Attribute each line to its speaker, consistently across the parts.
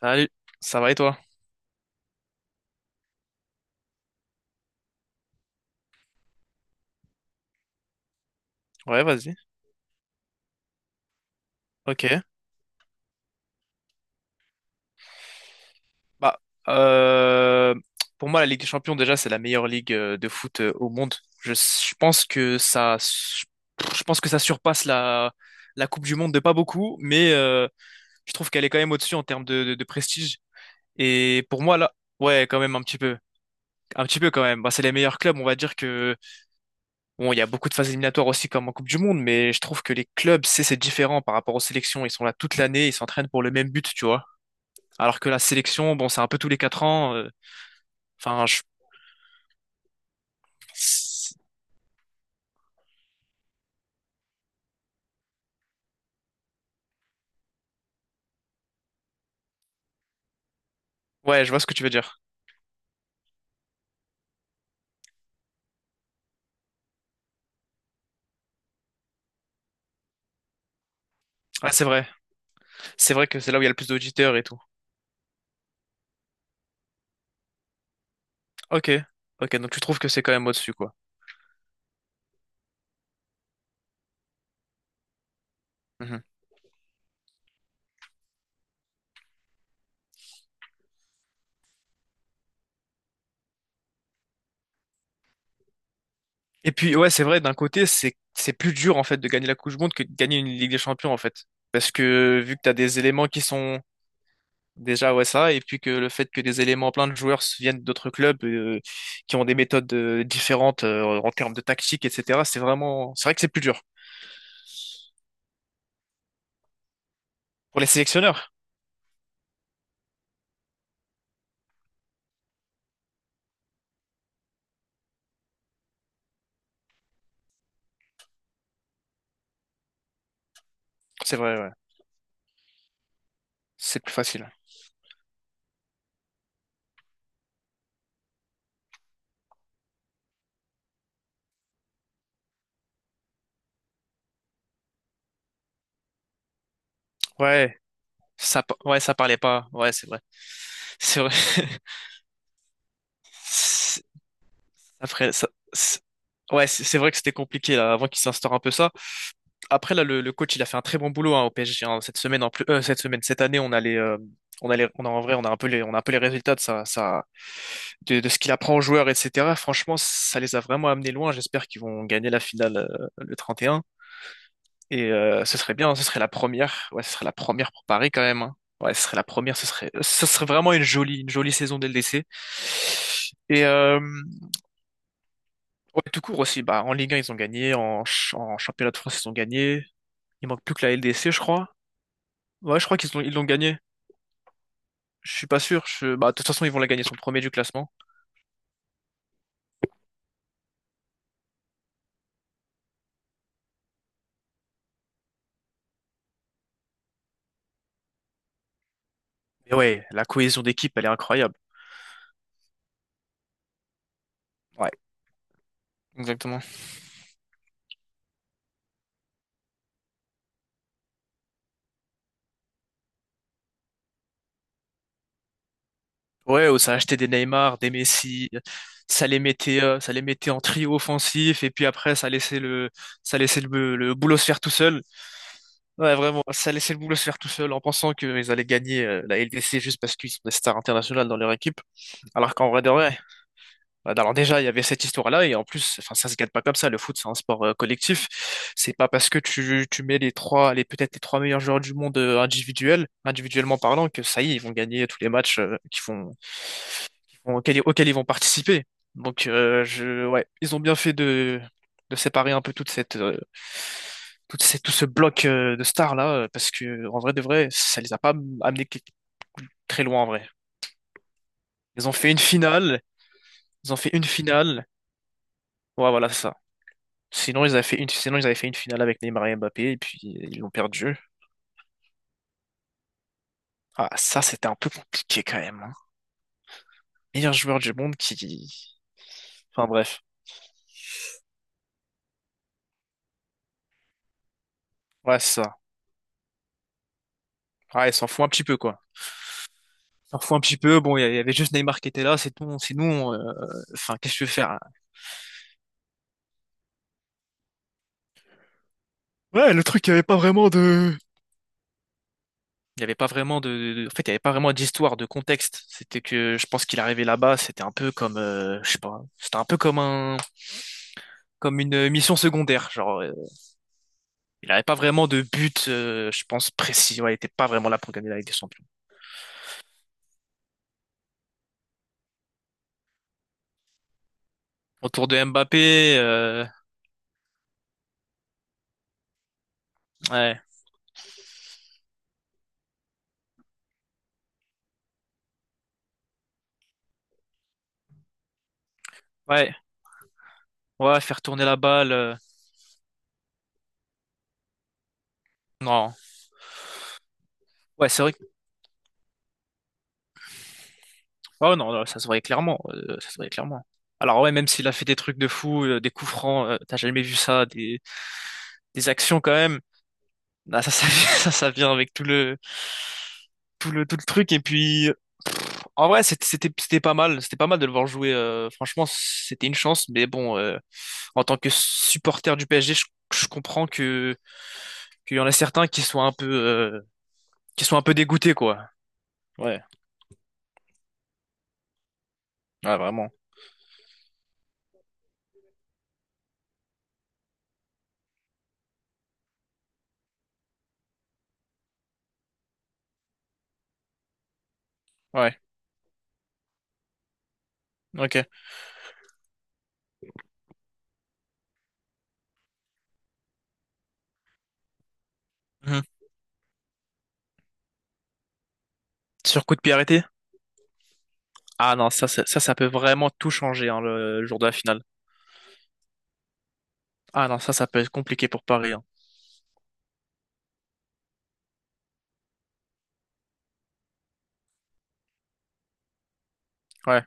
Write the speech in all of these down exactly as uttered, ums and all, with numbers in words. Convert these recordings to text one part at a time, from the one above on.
Speaker 1: Salut, ça va et toi? Ouais, vas-y. Ok. Bah, euh, pour moi, la Ligue des Champions, déjà, c'est la meilleure ligue euh, de foot euh, au monde. Je, je pense que ça, je pense que ça surpasse la, la Coupe du Monde de pas beaucoup, mais euh, je trouve qu'elle est quand même au-dessus en termes de, de, de prestige. Et pour moi, là, ouais, quand même un petit peu, un petit peu quand même. Bah, c'est les meilleurs clubs. On va dire que bon, il y a beaucoup de phases éliminatoires aussi comme en Coupe du Monde, mais je trouve que les clubs, c'est c'est différent par rapport aux sélections. Ils sont là toute l'année, ils s'entraînent pour le même but, tu vois. Alors que la sélection, bon, c'est un peu tous les quatre ans. euh, Enfin, je... c'est- ouais, je vois ce que tu veux dire. Ah, c'est vrai. C'est vrai que c'est là où il y a le plus d'auditeurs et tout. Ok, ok. Donc tu trouves que c'est quand même au-dessus, quoi. Mhm. Et puis ouais, c'est vrai. D'un côté, c'est c'est plus dur en fait de gagner la Coupe du Monde que de gagner une Ligue des Champions en fait, parce que vu que t'as des éléments qui sont déjà ouais ça, et puis que le fait que des éléments plein de joueurs se viennent d'autres clubs euh, qui ont des méthodes euh, différentes euh, en termes de tactique, et cetera. C'est vraiment, c'est vrai que c'est plus dur pour les sélectionneurs. C'est vrai, ouais. C'est plus facile. Ouais, ça, pa- ouais, ça parlait pas. Ouais, c'est vrai. C'est vrai. C'est- Après, ça, c'est- ouais, c'est c'est vrai que c'était compliqué là, avant qu'il s'instaure un peu ça. Après là, le, le coach, il a fait un très bon boulot, hein, au P S G, hein. Cette semaine, en plus, euh, cette semaine, Cette année, on a les, euh, on a les- on a en vrai, on a un peu les, on a un peu les résultats de ça, ça, de, de ce qu'il apprend aux joueurs, et cetera. Franchement, ça les a vraiment amenés loin. J'espère qu'ils vont gagner la finale euh, le trente et un. Et euh, ce serait bien, ce serait la première. Ouais, ce serait la première pour Paris quand même, hein. Ouais, ce serait la première. Ce serait, ce serait vraiment une jolie, une jolie saison dès le D C. Et euh, ouais, tout court aussi. Bah, en Ligue un, ils ont gagné. En, ch- en championnat de France, ils ont gagné. Il manque plus que la L D C, je crois. Ouais, je crois qu'ils ont, ils l'ont gagné. Je suis pas sûr. Je... Bah, de toute façon, ils vont la gagner. Ils sont premiers du classement. Mais ouais, la cohésion d'équipe, elle est incroyable. Ouais, exactement. Ouais, où ça achetait des Neymar, des Messi, ça les mettait, euh, ça les mettait en trio offensif, et puis après, ça laissait le, ça laissait le, le boulot se faire tout seul. Ouais, vraiment, ça laissait le boulot se faire tout seul en pensant qu'ils allaient gagner euh, la L D C juste parce qu'ils sont des stars internationales dans leur équipe. Alors qu'en vrai de vrai, bah, alors déjà, il y avait cette histoire-là, et en plus, enfin, ça se gagne pas comme ça. Le foot, c'est un sport euh, collectif. C'est pas parce que tu, tu mets les trois, les peut-être les trois meilleurs joueurs du monde euh, individuels, individuellement parlant, que ça y est, ils vont gagner tous les matchs euh, qu'ils font vont- auxquels, auxquels ils vont participer. Donc, euh, je, ouais, ils ont bien fait de, de séparer un peu toute cette, euh, toute cette, tout ce bloc euh, de stars là, euh, parce que en vrai de vrai, ça les a pas am- amenés que- très loin en vrai. Ils ont fait une finale, ils ont fait une finale. Ouais, voilà, c'est ça. Sinon, ils avaient fait une, sinon ils avaient fait une finale avec Neymar et Mbappé, et puis ils l'ont perdu. Ah, ça, c'était un peu compliqué quand même, hein. Meilleur joueur du monde qui, enfin bref, ouais, c'est ça. Ouais, ils s'en foutent un petit peu, quoi, parfois un petit peu. Bon, il y avait juste Neymar qui était là, c'est tout, sinon, euh, enfin, qu'est-ce que tu veux faire, hein? Ouais, le truc, il n'y avait pas vraiment de... Il n'y avait pas vraiment de, de- de- en fait, il y avait pas vraiment d'histoire, de contexte. C'était que, je pense qu'il arrivait là-bas, c'était un peu comme, euh, je sais pas, c'était un peu comme un, comme une mission secondaire. Genre, euh, il n'avait pas vraiment de but, euh, je pense, précis. Ouais, il était pas vraiment là pour gagner la Ligue des Champions. Autour de Mbappé, euh, ouais, ouais, ouais, faire tourner la balle, euh, non. Ouais, c'est vrai. Oh non, non, ça se voyait clairement, euh, ça se voyait clairement. Alors ouais, même s'il a fait des trucs de fou, euh, des coups francs, euh, t'as jamais vu ça, des, des actions quand même. Ah, ça, ça, ça, ça vient avec tout le, tout le, tout le truc. Et puis, en vrai, c'était, c'était c'était pas mal, c'était pas mal de le voir jouer. Euh, franchement, c'était une chance. Mais bon, euh, en tant que supporter du P S G, je, je comprends que qu'il y en a certains qui soient un peu, euh, qui soient un peu dégoûtés, quoi. Ouais, ouais, vraiment. Ouais, ok. Mhm. Sur coup de pied arrêté? Ah non, ça, ça, ça ça peut vraiment tout changer, hein, le, le jour de la finale. Ah non, ça, ça peut être compliqué pour Paris, hein. Ouais,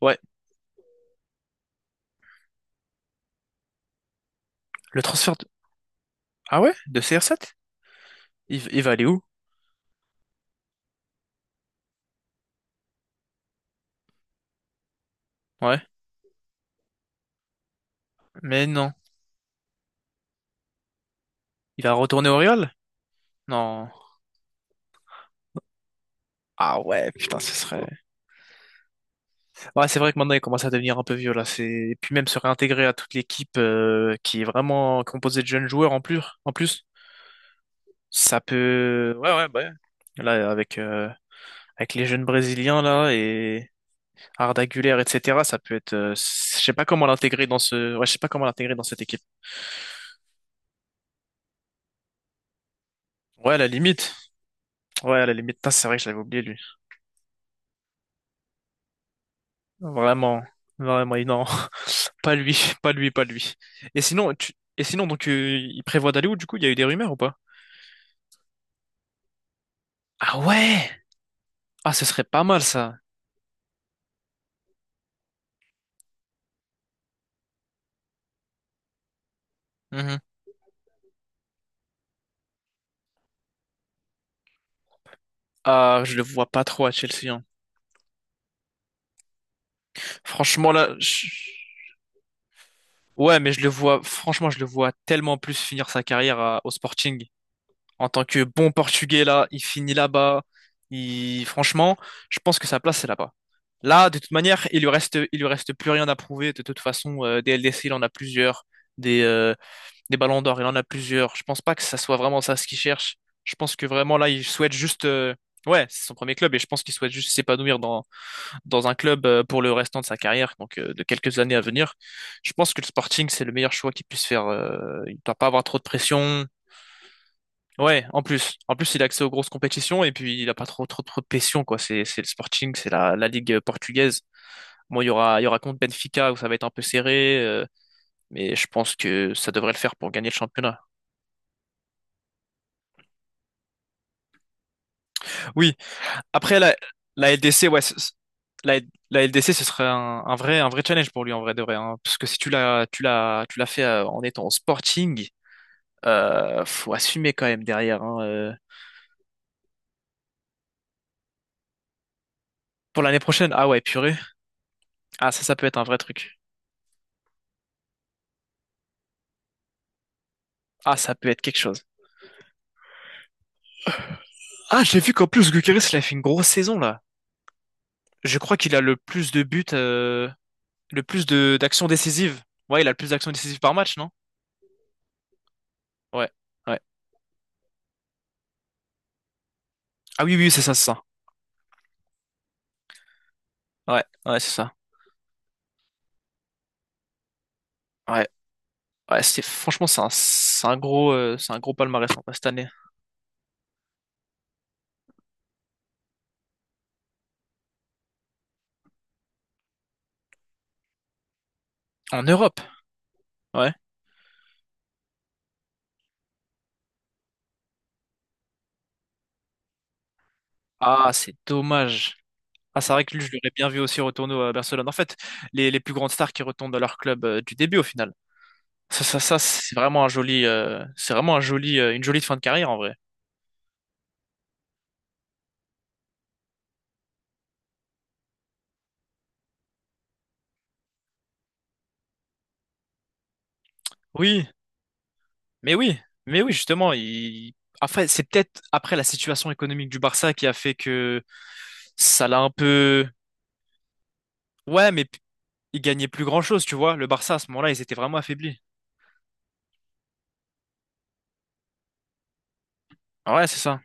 Speaker 1: ouais. Le transfert de... Ah ouais? De C R sept? Il, il va aller où? Ouais. Mais non. Il va retourner au Real? Non. Ah ouais, putain, ce serait... Ouais, c'est vrai que maintenant, il commence à devenir un peu vieux, là. C'est... Et puis même se réintégrer à toute l'équipe euh, qui est vraiment composée de jeunes joueurs en plus. En plus, ça peut... Ouais, ouais, bah ouais. Là, avec, euh, avec les jeunes Brésiliens, là, et... Arda Güler, et cetera. Ça peut être, euh, je sais pas comment l'intégrer dans ce, ouais, je sais pas comment l'intégrer dans cette équipe. Ouais, à la limite. Ouais, à la limite. Putain, c'est vrai que je l'avais oublié, lui. Vraiment, vraiment, il- non, pas lui, pas lui, pas lui. Et sinon, tu... et sinon, donc, euh, il prévoit d'aller où du coup? Il y a eu des rumeurs ou pas? Ah ouais! Ah, ce serait pas mal, ça. Mhm. Ah, je le vois pas trop à Chelsea, hein. Franchement là, je- ouais, mais je le vois, franchement, je le vois tellement plus finir sa carrière à- au Sporting. En tant que bon Portugais, là, il finit là-bas. Il... Franchement, je pense que sa place, c'est là-bas. Là, de toute manière, il lui reste, il lui reste plus rien à prouver. De toute façon, euh, des L D C, il en a plusieurs. Des, euh, des Ballons d'Or, il en a plusieurs. Je pense pas que ça soit vraiment ça ce qu'il cherche. Je pense que vraiment, là, il souhaite juste... euh, Ouais, c'est son premier club et je pense qu'il souhaite juste s'épanouir dans, dans un club euh, pour le restant de sa carrière, donc euh, de quelques années à venir. Je pense que le Sporting, c'est le meilleur choix qu'il puisse faire. Euh, il ne doit pas avoir trop de pression. Ouais, en plus. En plus, il a accès aux grosses compétitions et puis il a pas trop trop, trop de pression, quoi. C'est, c'est le Sporting, c'est la, la Ligue euh, portugaise. Moi, il y aura, il y aura contre Benfica où ça va être un peu serré, euh, mais je pense que ça devrait le faire pour gagner le championnat. Oui. Après, la, la L D C, ouais, c- c- la, la L D C, ce serait un, un vrai, un vrai challenge pour lui, en vrai de vrai, hein. Parce que si tu l'as, tu l'as, tu l'as fait euh, en étant au Sporting, euh, faut assumer quand même derrière, hein, euh. Pour l'année prochaine, ah ouais, purée. Ah, ça, ça peut être un vrai truc. Ah, ça peut être quelque chose. Ah, j'ai vu qu'en plus Gyökeres, il a fait une grosse saison là. Je crois qu'il a le plus de buts, euh, le plus de d'actions décisives. Ouais, il a le plus d'actions décisives par match, non? Ouais, ouais. Ah oui, oui, oui, c'est ça, c'est ça. Ouais, ouais, c'est ça. Ouais, ouais. C'est franchement, c'est un, c'est un gros, euh, c'est un gros palmarès, hein, cette année. En Europe, ouais. Ah, c'est dommage. Ah, c'est vrai que lui, je l'aurais bien vu aussi retourner à Barcelone. En fait, les, les plus grandes stars qui retournent dans leur club euh, du début au final. Ça, ça, ça, c'est vraiment un joli, euh, c'est vraiment un joli, euh, une jolie fin de carrière en vrai. Oui, mais oui, mais oui, justement. Il... Après, c'est peut-être après la situation économique du Barça qui a fait que ça l'a un peu. Ouais, mais p- il gagnait plus grand-chose, tu vois. Le Barça à ce moment-là, ils étaient vraiment affaiblis. Ouais, c'est ça.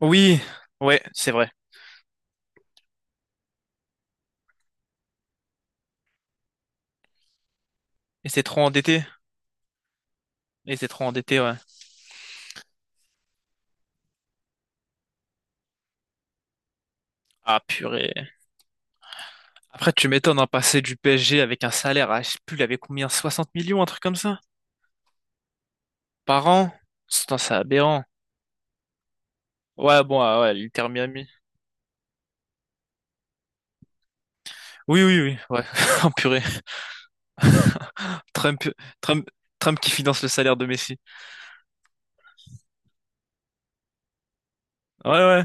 Speaker 1: Oui, ouais, c'est vrai. Et c'est trop endetté. Et c'est trop endetté, ouais. Ah purée. Après, tu m'étonnes, hein, passer du P S G avec un salaire à, je sais plus, il avait combien, 60 millions, un truc comme ça, par an. Putain, c'est aberrant. Ouais, bon, ah ouais, l'Inter Miami. Oui, oui, oui, ouais. Oh, purée. Trump, Trump, Trump qui finance le salaire de Messi. Ouais, ouais.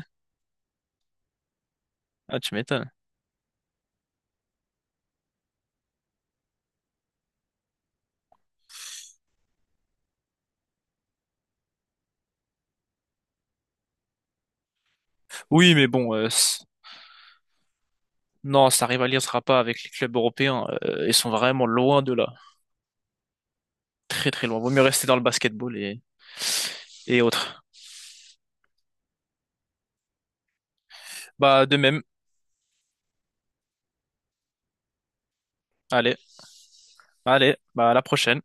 Speaker 1: Ah, tu m'étonnes. Oui, mais bon, euh, c- non, ça rivalisera pas avec les clubs européens. Euh, ils sont vraiment loin de là. Très, très loin. Vaut mieux rester dans le basketball et, et autres. Bah, de même. Allez, allez, bah, à la prochaine.